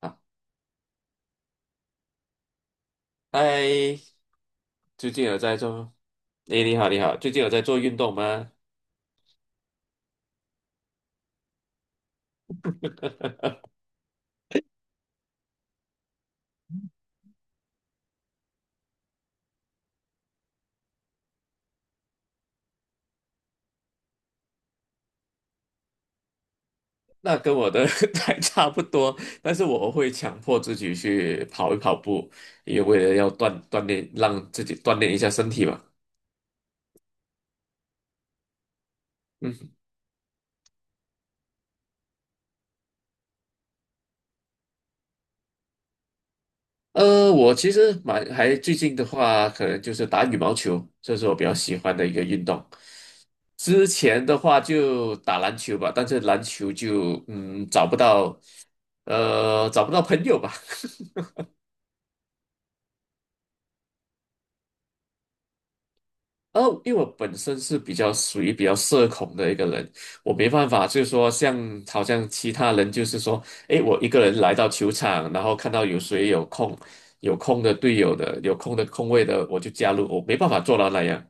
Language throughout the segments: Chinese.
啊，嗨，最近有在做？诶，你好，你好，最近有在做运动吗？呃那跟我的 还差不多，但是我会强迫自己去跑一跑步，也为了要锻炼，让自己锻炼一下身体嘛。嗯。我其实蛮还最近的话，可能就是打羽毛球，这是我比较喜欢的一个运动。之前的话就打篮球吧，但是篮球就找不到，找不到朋友吧。哦，因为我本身是比较属于比较社恐的一个人，我没办法，就是说像好像其他人，就是说，诶，我一个人来到球场，然后看到有谁有空，有空的队友的，有空的空位的，我就加入，我没办法做到那样。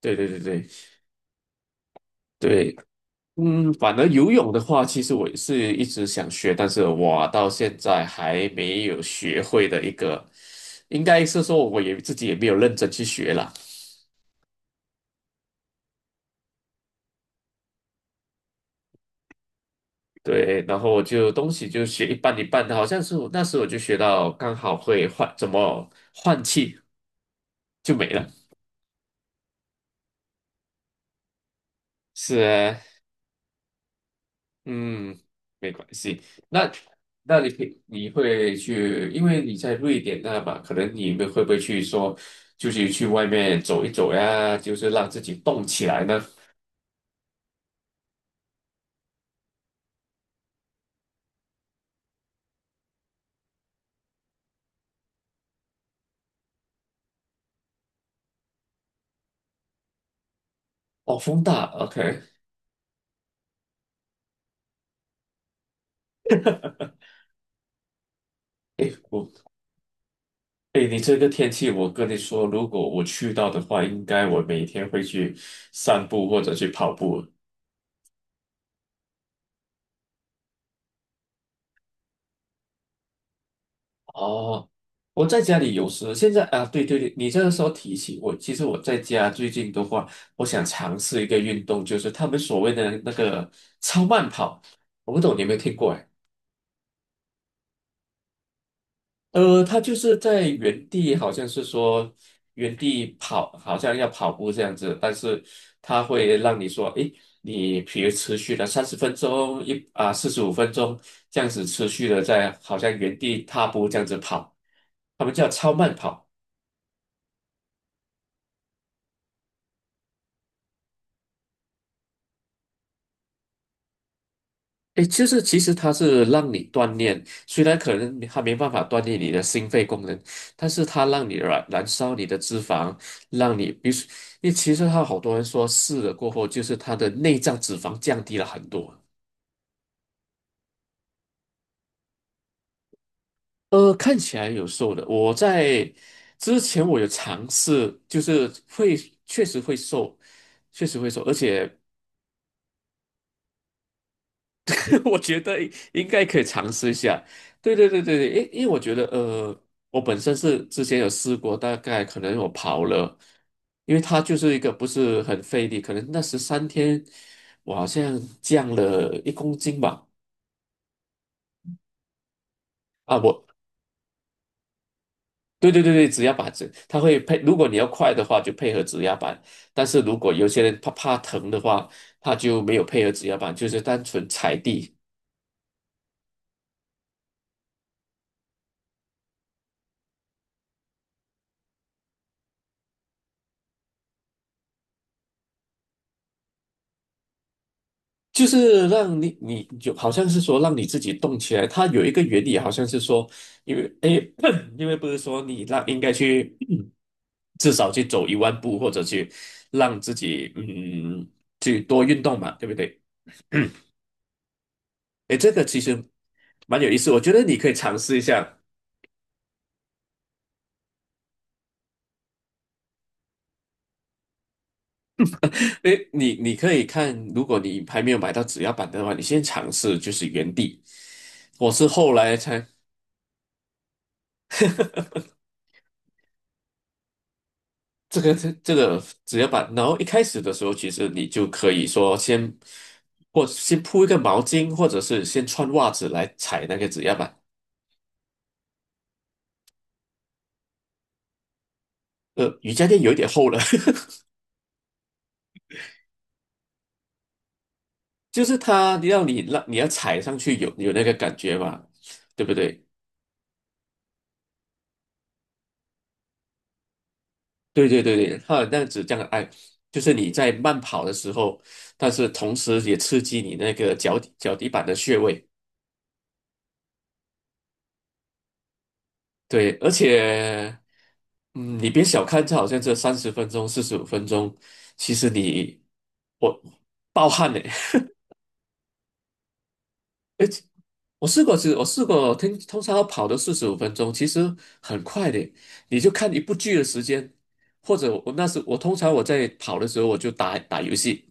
对对对对对。嗯，反而游泳的话，其实我是一直想学，但是我到现在还没有学会的一个，应该是说我也自己也没有认真去学啦。对，然后我就东西就学一半一半的，好像是我那时我就学到刚好会换怎么换气就没了。是啊。嗯，没关系。那那你会去，因为你在瑞典那嘛，可能你们会不会去说，就是去外面走一走呀，就是让自己动起来呢？哦，风大，OK。诶，我诶，你这个天气，我跟你说，如果我去到的话，应该我每天会去散步或者去跑步。哦，我在家里有时现在啊，对对对，你这个时候提起我，其实我在家最近的话，我想尝试一个运动，就是他们所谓的那个超慢跑，我不懂你有没有听过哎？他就是在原地，好像是说原地跑，好像要跑步这样子，但是他会让你说，诶，你比如持续了三十分钟，四十五分钟这样子持续的在好像原地踏步这样子跑，他们叫超慢跑。诶，就是其实它是让你锻炼，虽然可能它没办法锻炼你的心肺功能，但是它让你燃烧你的脂肪，让你，比如说，因为其实它好多人说试了过后，就是它的内脏脂肪降低了很多。看起来有瘦的，之前我有尝试，就是会确实会瘦，确实会瘦，而且。我觉得应该可以尝试一下。对对对对对，因为我觉得我本身是之前有试过，大概可能我跑了，因为它就是一个不是很费力，可能那13天我好像降了1公斤吧。啊，对对对对，指压板子，它会配，如果你要快的话就配合指压板，但是如果有些人怕疼的话，他就没有配合指压板，就是单纯踩地。就是让你，你就好像是说让你自己动起来。它有一个原理，好像是说，因为诶，因为不是说你让应该去，至少去走1万步，或者去让自己去多运动嘛，对不对？诶，这个其实蛮有意思，我觉得你可以尝试一下。诶，你可以看，如果你还没有买到指压板的话，你先尝试就是原地。我是后来才这个只压板，然后一开始的时候，其实你就可以说先，或先铺一个毛巾，或者是先穿袜子来踩那个指压板。瑜伽垫有一点厚了，就是它让你要踩上去有那个感觉嘛，对不对？对对对对，它那样子这样哎，就是你在慢跑的时候，但是同时也刺激你那个脚底板的穴位。对，而且，嗯，你别小看这好像这三十分钟、四十五分钟，其实我暴汗的。我试过，其实我试过，通常要跑到四十五分钟，其实很快的。你就看一部剧的时间，或者我那时我通常我在跑的时候，我就打打游戏，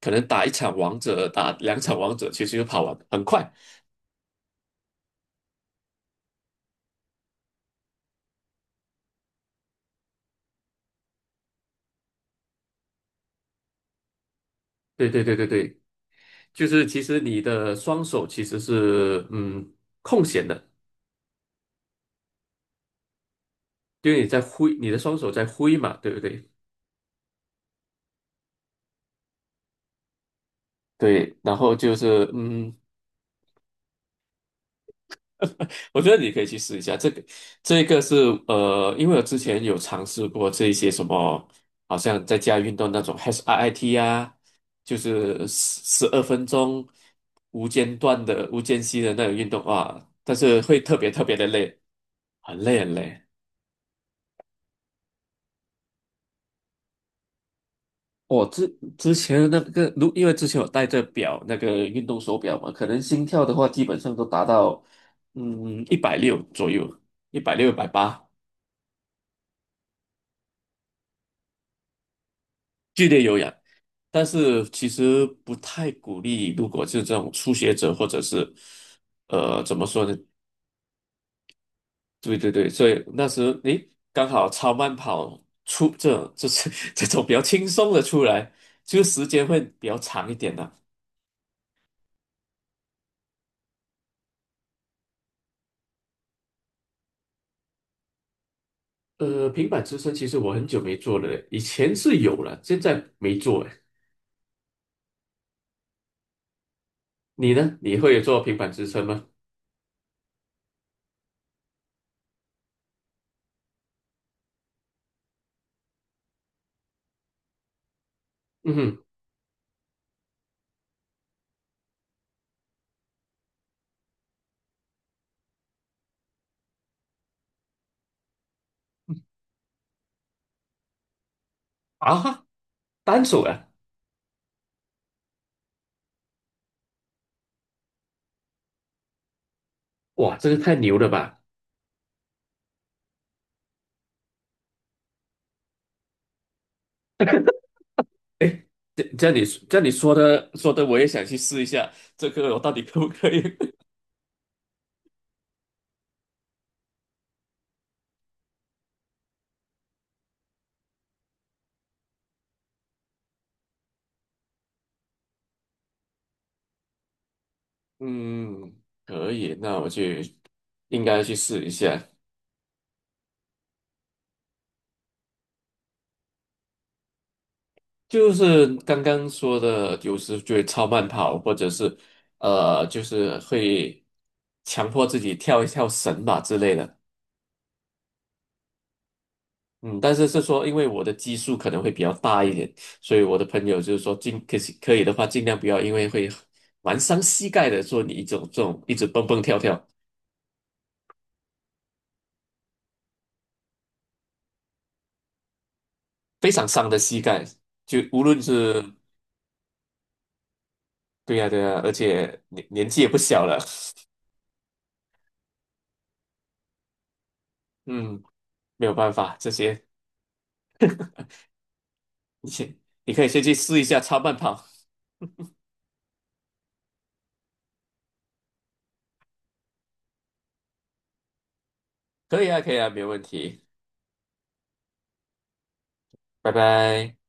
可能打一场王者，打两场王者，其实就跑完，很快。对对对对对，就是其实你的双手其实是空闲的。因为你在挥，你的双手在挥嘛，对不对？对，然后就是。嗯，我觉得你可以去试一下这个，这个是因为我之前有尝试过这一些什么，好像在家运动那种 HIIT 啊，就是12分钟无间断的、无间隙的那种运动啊，但是会特别特别的累，很累很累。我之之前那个，因为之前我戴着表，那个运动手表嘛，可能心跳的话，基本上都达到一百六左右，一百六、180，剧烈有氧。但是其实不太鼓励，如果是这种初学者或者是怎么说呢？对对对，所以那时诶刚好超慢跑出这是 这种比较轻松的出来，就时间会比较长一点的。平板支撑其实我很久没做了嘞以前是有了，现在没做哎。你呢？你会做平板支撑吗？嗯哼。啊哈。单手啊，哇，这个太牛了吧！哎，这样你这样你说的，我也想去试一下，这个我到底可不可以？嗯，可以，那应该去试一下。就是刚刚说的，有时就会超慢跑，或者是就是会强迫自己跳一跳绳吧之类的。嗯，但是是说，因为我的基数可能会比较大一点，所以我的朋友就是说尽可以的话，尽量不要，因为会蛮伤膝盖的。做你一种这种一直蹦蹦跳跳，非常伤的膝盖。就无论是对呀、对呀、而且年纪也不小了，嗯，没有办法，这些你先你可以先去试一下超慢跑，可以啊可以啊，没有问题，拜拜。